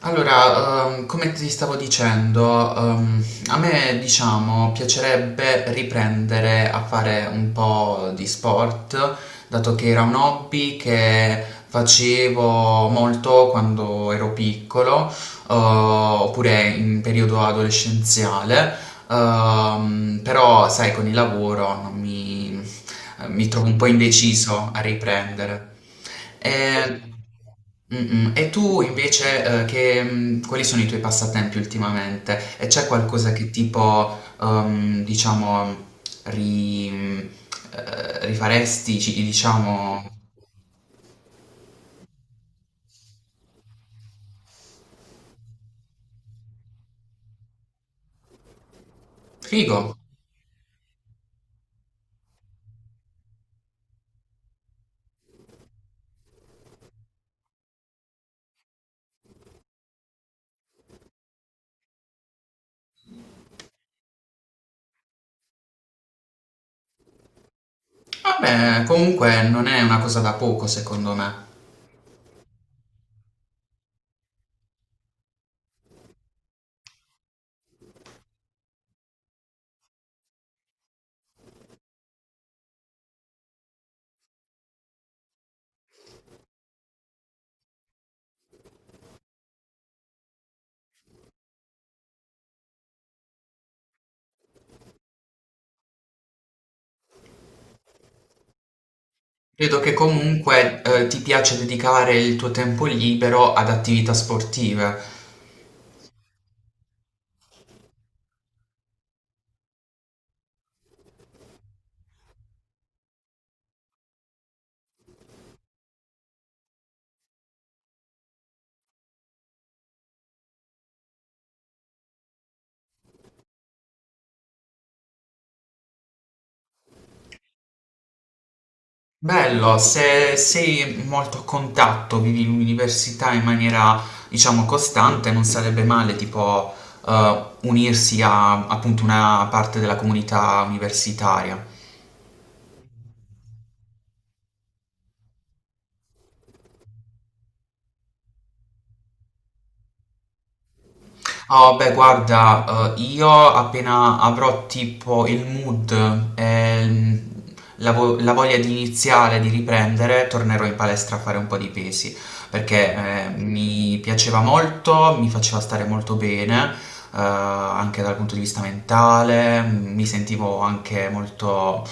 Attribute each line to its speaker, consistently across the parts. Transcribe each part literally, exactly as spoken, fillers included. Speaker 1: Allora, ehm, come ti stavo dicendo, ehm, a me, diciamo, piacerebbe riprendere a fare un po' di sport, dato che era un hobby che facevo molto quando ero piccolo, eh, oppure in periodo adolescenziale, ehm, però, sai, con il lavoro non mi, mi trovo un po' indeciso a riprendere. Ho E- capito. Mm-mm. E tu invece, eh, che, mm, quali sono i tuoi passatempi ultimamente? E c'è qualcosa che tipo, ehm, diciamo, ri- eh, rifaresti, ci- diciamo, figo? Vabbè, comunque non è una cosa da poco, secondo me. Credo che comunque, eh, ti piace dedicare il tuo tempo libero ad attività sportive. Bello, se sei molto a contatto, vivi l'università in maniera, diciamo, costante, non sarebbe male, tipo, eh, unirsi a appunto una parte della comunità universitaria. Oh, beh, guarda, eh, io appena avrò tipo il mood e mm, la, vo- la voglia di iniziare, di riprendere, tornerò in palestra a fare un po' di pesi, perché eh, mi piaceva molto, mi faceva stare molto bene, eh, anche dal punto di vista mentale, mi sentivo anche molto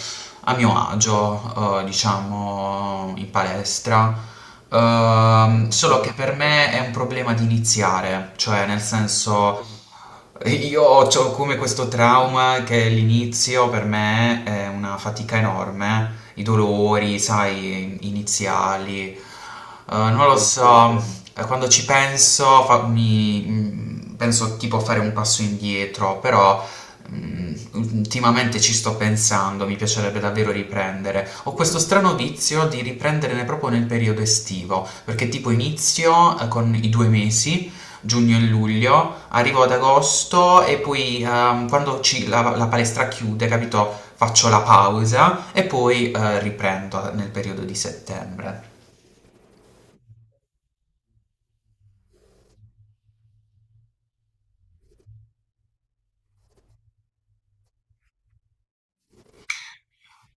Speaker 1: a mio agio, eh, diciamo, in palestra. Ehm, solo che per me è un problema di iniziare, cioè nel senso io ho come questo trauma che l'inizio per me è una fatica enorme, i dolori, sai, iniziali. Eh, non lo so. Concordo. eh, quando ci penso fa- mi- mm, penso tipo a fare un passo indietro, però mm, ultimamente ci sto pensando, mi piacerebbe davvero riprendere. Ho questo strano vizio di riprenderne proprio nel periodo estivo, perché tipo inizio eh, con i due mesi, giugno e luglio. Arrivo ad agosto e poi ehm, quando ci- la, la palestra chiude, capito, faccio la pausa e poi eh, riprendo nel periodo di settembre.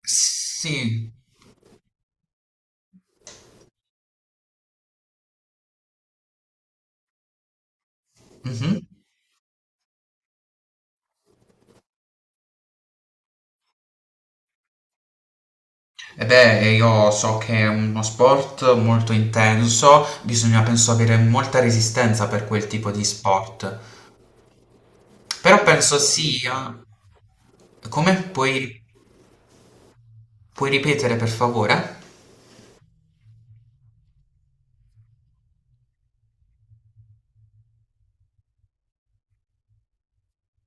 Speaker 1: Sì. Mhm. E beh, io so che è uno sport molto intenso, bisogna penso avere molta resistenza per quel tipo di sport. Però penso sia... Come puoi, puoi ripetere per favore?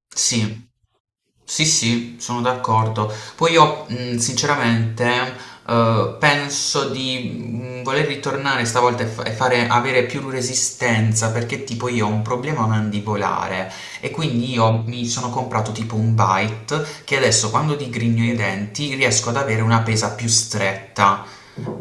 Speaker 1: Sì. Sì, sì, sono d'accordo. Poi io, mh, sinceramente, eh, penso di mh, voler ritornare stavolta e, fa- e fare, avere più resistenza perché tipo io ho un problema mandibolare e quindi io mi sono comprato tipo un bite che adesso quando digrigno i denti riesco ad avere una pesa più stretta.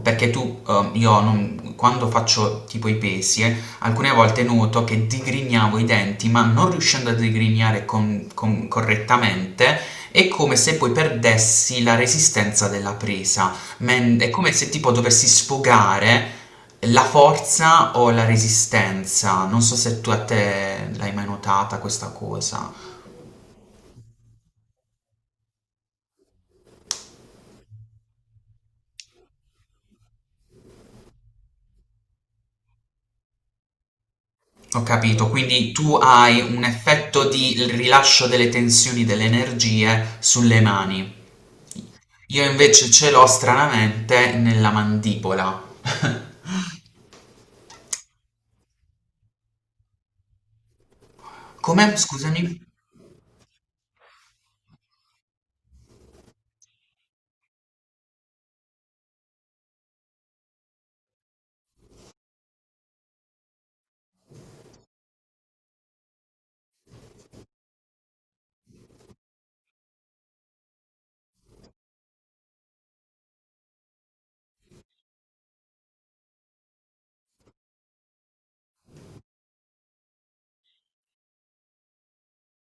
Speaker 1: Perché tu, eh, io non- quando faccio tipo i pesi, eh, alcune volte noto che digrignavo i denti, ma non riuscendo a digrignare con- con- correttamente, è come se poi perdessi la resistenza della presa. Men- è come se tipo dovessi sfogare la forza o la resistenza. Non so se tu a te l'hai mai notata questa cosa. Ho capito, quindi tu hai un effetto di rilascio delle tensioni, delle energie sulle mani. Io invece ce l'ho stranamente nella mandibola. Come? Scusami?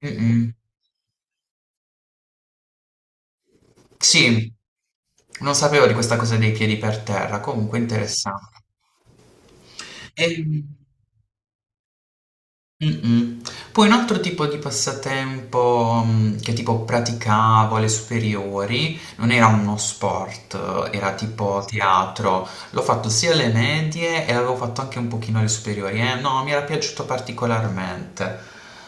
Speaker 1: Mm-mm. Sì, non sapevo di questa cosa dei piedi per terra, comunque interessante. Ehm. Mh-mh. Poi un altro tipo di passatempo, mhmm, che tipo praticavo alle superiori, non era uno sport, era tipo teatro. L'ho fatto sia alle medie e l'avevo fatto anche un pochino alle superiori e no, mi era piaciuto particolarmente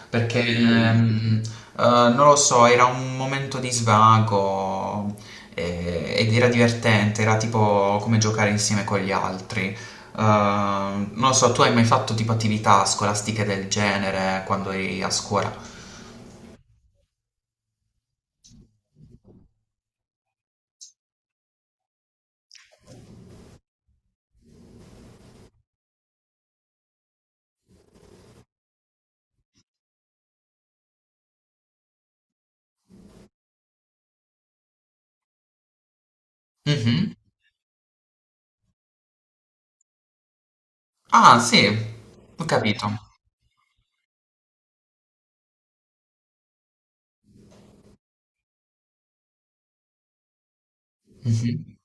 Speaker 1: perché... Mh. mhmm, uhm, non lo so, era un momento di svago, ehm, ed era divertente, era tipo come giocare insieme con gli altri. Uh, non lo so, tu hai mai fatto tipo attività scolastiche del genere quando eri a scuola? Mhm. Ah, sì, ho capito. Mhm.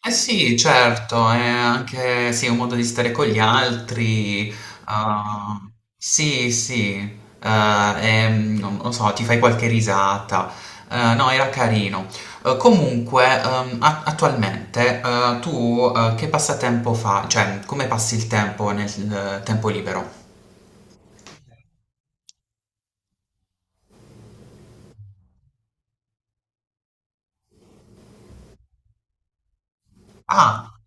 Speaker 1: Eh sì, certo, è anche sì, un modo di stare con gli altri. Ah, sì, sì, eh, e, mm, non lo so, ti fai qualche risata. Eh, no, era carino. Eh, comunque, ehm, a- attualmente, eh, tu eh, che passatempo fai? Cioè, come passi il tempo nel eh, tempo libero? Ah,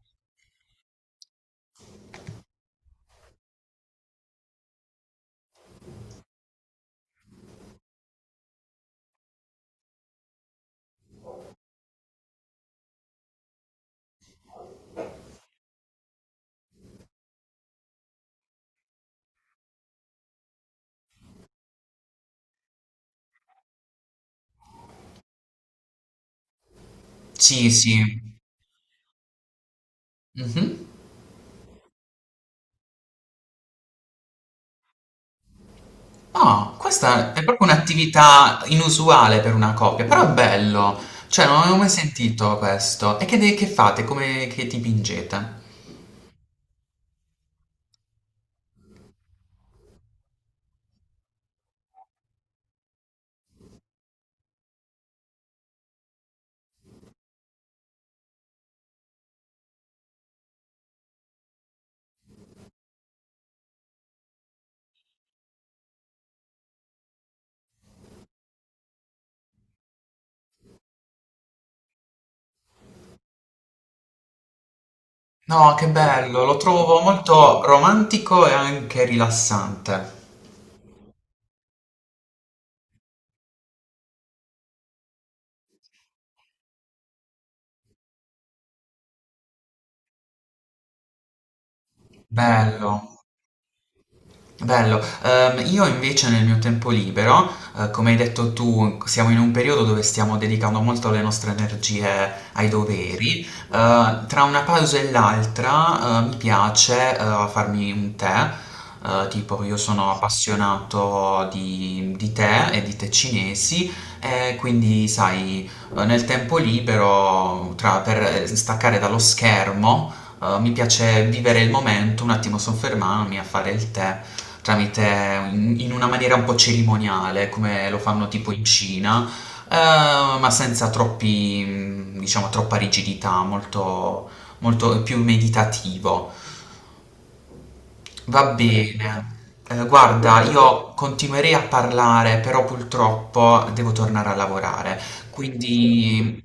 Speaker 1: sì, sì. Mh-mh. No, questa è proprio un'attività inusuale per una coppia, però è bello. Cioè, non avevo mai sentito questo. E che, de- che fate? Come che dipingete? No, che bello, lo trovo molto romantico e anche rilassante. Bello. Bello. Ehm, io invece nel mio tempo libero, eh, come hai detto tu, siamo in un periodo dove stiamo dedicando molto le nostre energie ai doveri. Eh, tra una pausa e l'altra, eh, mi piace, eh, farmi un tè. Eh, tipo io sono appassionato di, di tè e di tè cinesi, e quindi sai, eh, nel tempo libero, tra- per staccare dallo schermo, eh, mi piace vivere il momento, un attimo soffermarmi a fare il tè tramite in in una maniera un po' cerimoniale, come lo fanno tipo in Cina, eh, ma senza troppi, mm, diciamo, troppa rigidità, molto, molto più meditativo. Va bene. Eh, guarda, io continuerei a parlare, però purtroppo devo tornare a lavorare. Quindi,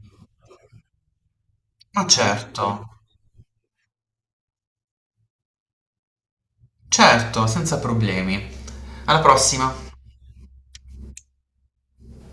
Speaker 1: ma certo, certo, senza problemi. Alla prossima.